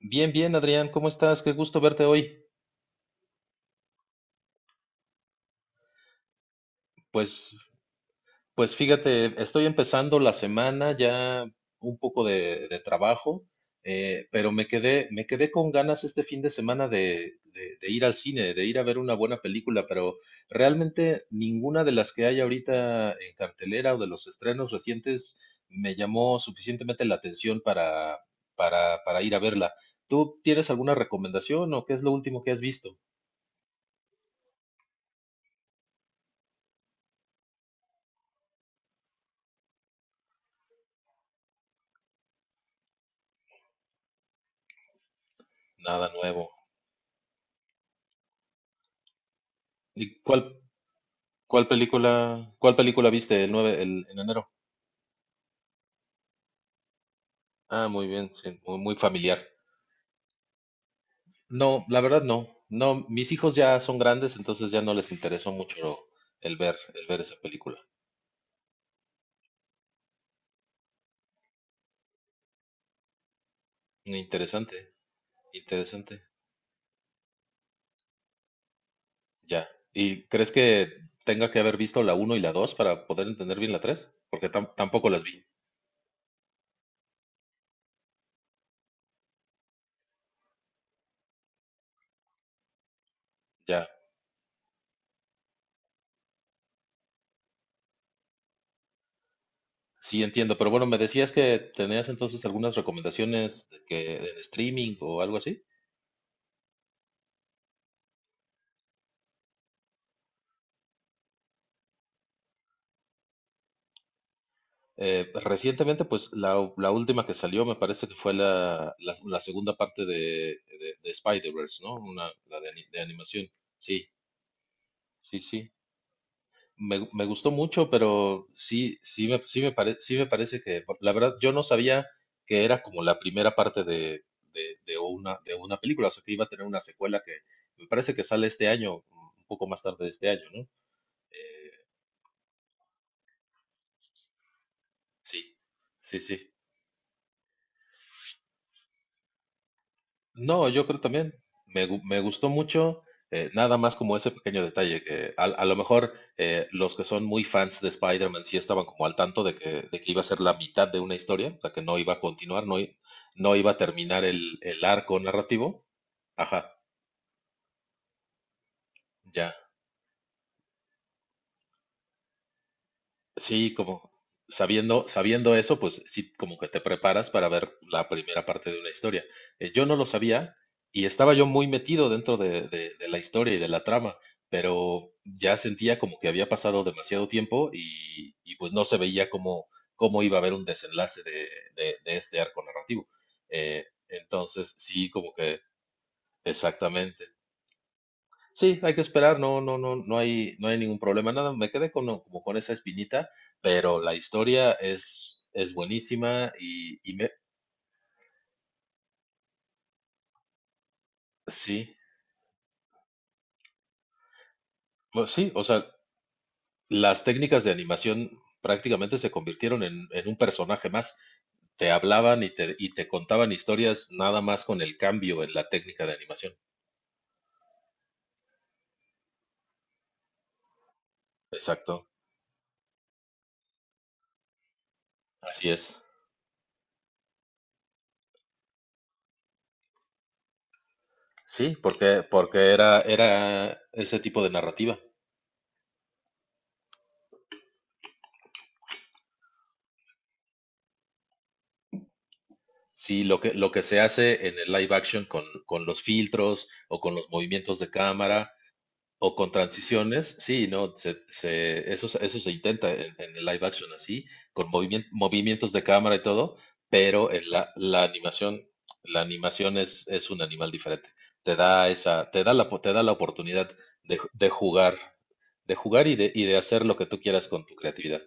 Bien, bien, Adrián, ¿cómo estás? Qué gusto verte hoy. Pues, pues, fíjate, estoy empezando la semana ya un poco de trabajo, pero me quedé con ganas este fin de semana de ir al cine, de ir a ver una buena película, pero realmente ninguna de las que hay ahorita en cartelera o de los estrenos recientes me llamó suficientemente la atención para ir a verla. ¿Tú tienes alguna recomendación o qué es lo último que has visto? Nada nuevo. ¿Y cuál cuál película viste el 9 en enero? Ah, muy bien, sí, muy, muy familiar. No, la verdad no. No, mis hijos ya son grandes, entonces ya no les interesó mucho el ver esa película. Interesante, interesante. Ya. ¿Y crees que tenga que haber visto la uno y la 2 para poder entender bien la tres? Porque tampoco las vi. Ya. Sí, entiendo. Pero bueno, me decías que tenías entonces algunas recomendaciones de que en streaming o algo así. Recientemente, pues la última que salió me parece que fue la segunda parte de Spider-Verse, ¿no? Una, la de animación. Sí, sí, sí. Me gustó mucho, pero sí me parece que, la verdad, yo no sabía que era como la primera parte de una película, o sea, que iba a tener una secuela que me parece que sale este año, un poco más tarde de este año, ¿no? Sí, sí, sí. No, yo creo también. Me gustó mucho, nada más como ese pequeño detalle, que a lo mejor los que son muy fans de Spider-Man sí estaban como al tanto de que iba a ser la mitad de una historia, o sea, que no iba a continuar, no iba a terminar el arco narrativo. Ajá, ya. Sí, como sabiendo eso, pues sí, como que te preparas para ver la primera parte de una historia. Yo no lo sabía y estaba yo muy metido dentro de la historia y de la trama, pero ya sentía como que había pasado demasiado tiempo y, pues no se veía cómo iba a haber un desenlace de este arco narrativo. Entonces, sí, como que exactamente. Sí, hay que esperar, no, no, no, no hay ningún problema, nada, me quedé con, no, como con esa espinita, pero la historia es buenísima sí, bueno, sí, o sea, las técnicas de animación prácticamente se convirtieron en un personaje más, te hablaban y te contaban historias nada más con el cambio en la técnica de animación. Exacto, así es. Sí, porque era ese tipo de narrativa. Sí, lo que se hace en el live action con los filtros o con los movimientos de cámara o con transiciones, sí, no, eso se intenta en el live action así, con movimientos de cámara y todo, pero en la animación, la animación es un animal diferente. Te da esa, te da la, po- te da la oportunidad de, de jugar, de jugar y de hacer lo que tú quieras con tu creatividad.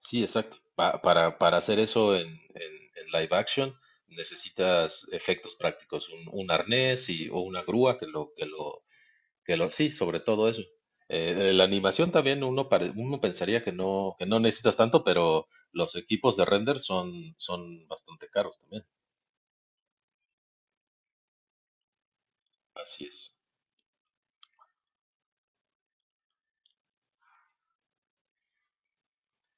Sí, exacto. Para hacer eso en live action necesitas efectos prácticos, un arnés y, o una grúa sí, sobre todo eso. La animación también uno pensaría que no necesitas tanto, pero los equipos de render son bastante caros también. Así es.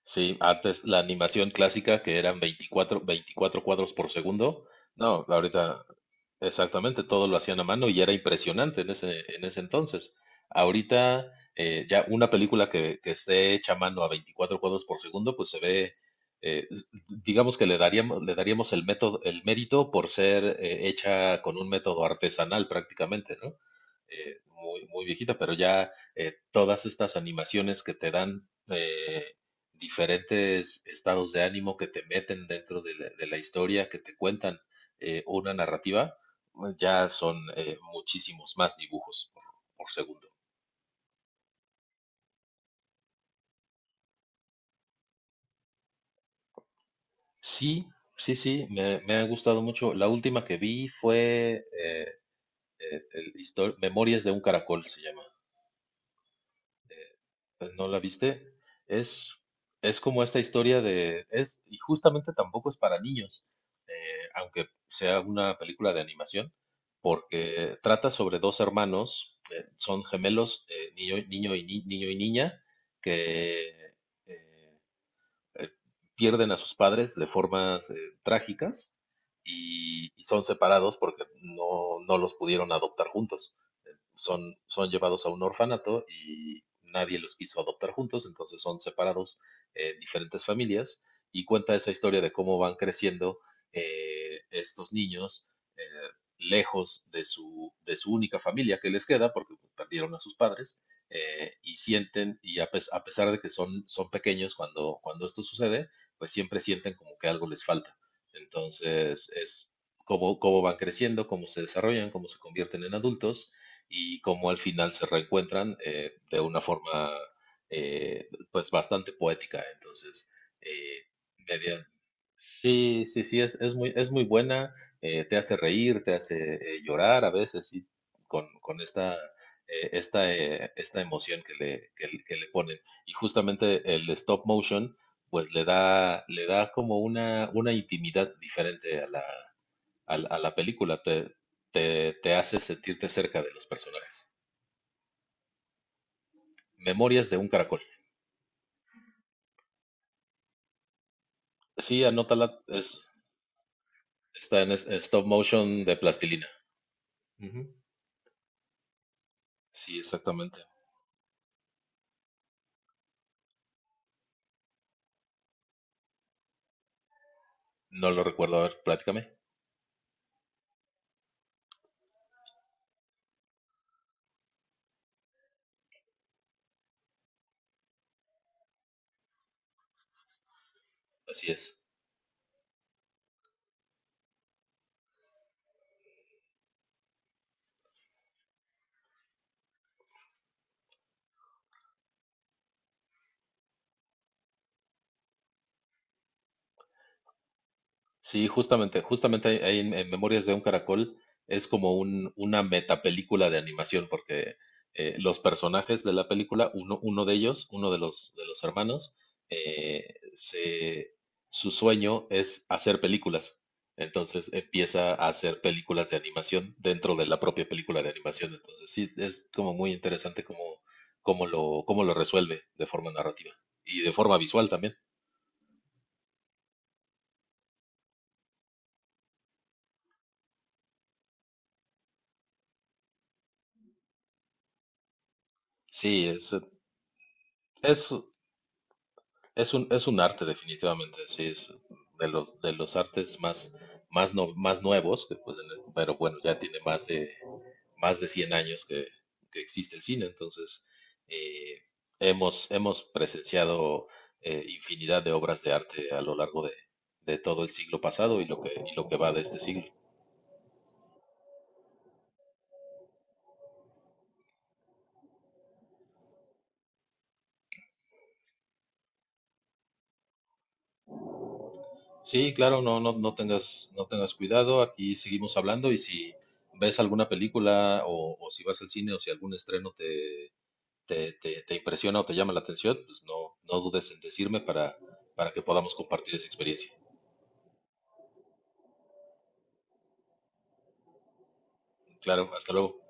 Sí, antes la animación clásica que eran 24 cuadros por segundo. No, ahorita. Exactamente, todo lo hacían a mano y era impresionante en ese entonces. Ahorita ya una película que esté hecha a mano a 24 cuadros por segundo, pues se ve, eh, s- digamos que le daríamos el método, el mérito por ser hecha con un método artesanal prácticamente, ¿no? Muy, muy viejita, pero ya todas estas animaciones que te dan diferentes estados de ánimo, que te meten dentro de la historia, que te cuentan una narrativa ya son muchísimos más dibujos por segundo. Sí, sí, sí, me ha gustado mucho. La última que vi fue Memorias de un caracol, se llama. ¿No la viste? Es, es como esta historia de. Y justamente tampoco es para niños, aunque sea una película de animación, porque trata sobre dos hermanos, son gemelos, niño, niño y, ni- niño y niña, que... eh, eh, pierden a sus padres de formas trágicas y son separados porque no los pudieron adoptar juntos. Son llevados a un orfanato y nadie los quiso adoptar juntos, entonces son separados en diferentes familias y cuenta esa historia de cómo van creciendo estos niños, eh, lejos de su única familia que les queda, porque perdieron a sus padres, y sienten, a pesar de que son pequeños cuando, cuando esto sucede, pues siempre sienten como que algo les falta. Entonces es cómo cómo van creciendo, cómo se desarrollan, cómo se convierten en adultos y cómo al final se reencuentran de una forma pues bastante poética. Entonces, eh, media- sí, sí, sí, es muy buena, te hace reír, te hace llorar a veces, sí, con esta, esta, esta emoción que le ponen. Y justamente el stop motion, pues le da como una intimidad diferente a la película, te hace sentirte cerca de los personajes. Memorias de un caracol. Sí, anótala. Está en stop motion de plastilina. Ujú. Sí, exactamente. No lo recuerdo. A ver, platícame. Así es. Sí, justamente ahí en Memorias de un Caracol es como una metapelícula de animación, porque los personajes de la película, uno de los hermanos, eh, se, su sueño es hacer películas. Entonces empieza a hacer películas de animación dentro de la propia película de animación. Entonces sí, es como muy interesante cómo lo resuelve de forma narrativa y de forma visual también. Sí, es es un arte definitivamente, sí, es de los artes más, más nuevos, que, pues, pero bueno, ya tiene más de 100 años que existe el cine, entonces eh, hemos presenciado infinidad de obras de arte a lo largo de todo el siglo pasado y lo que va de este siglo. Sí, claro, no, no tengas cuidado, aquí seguimos hablando y si ves alguna película o si vas al cine o si algún estreno te impresiona o te llama la atención, pues no dudes en decirme para que podamos compartir esa experiencia. Claro, hasta luego.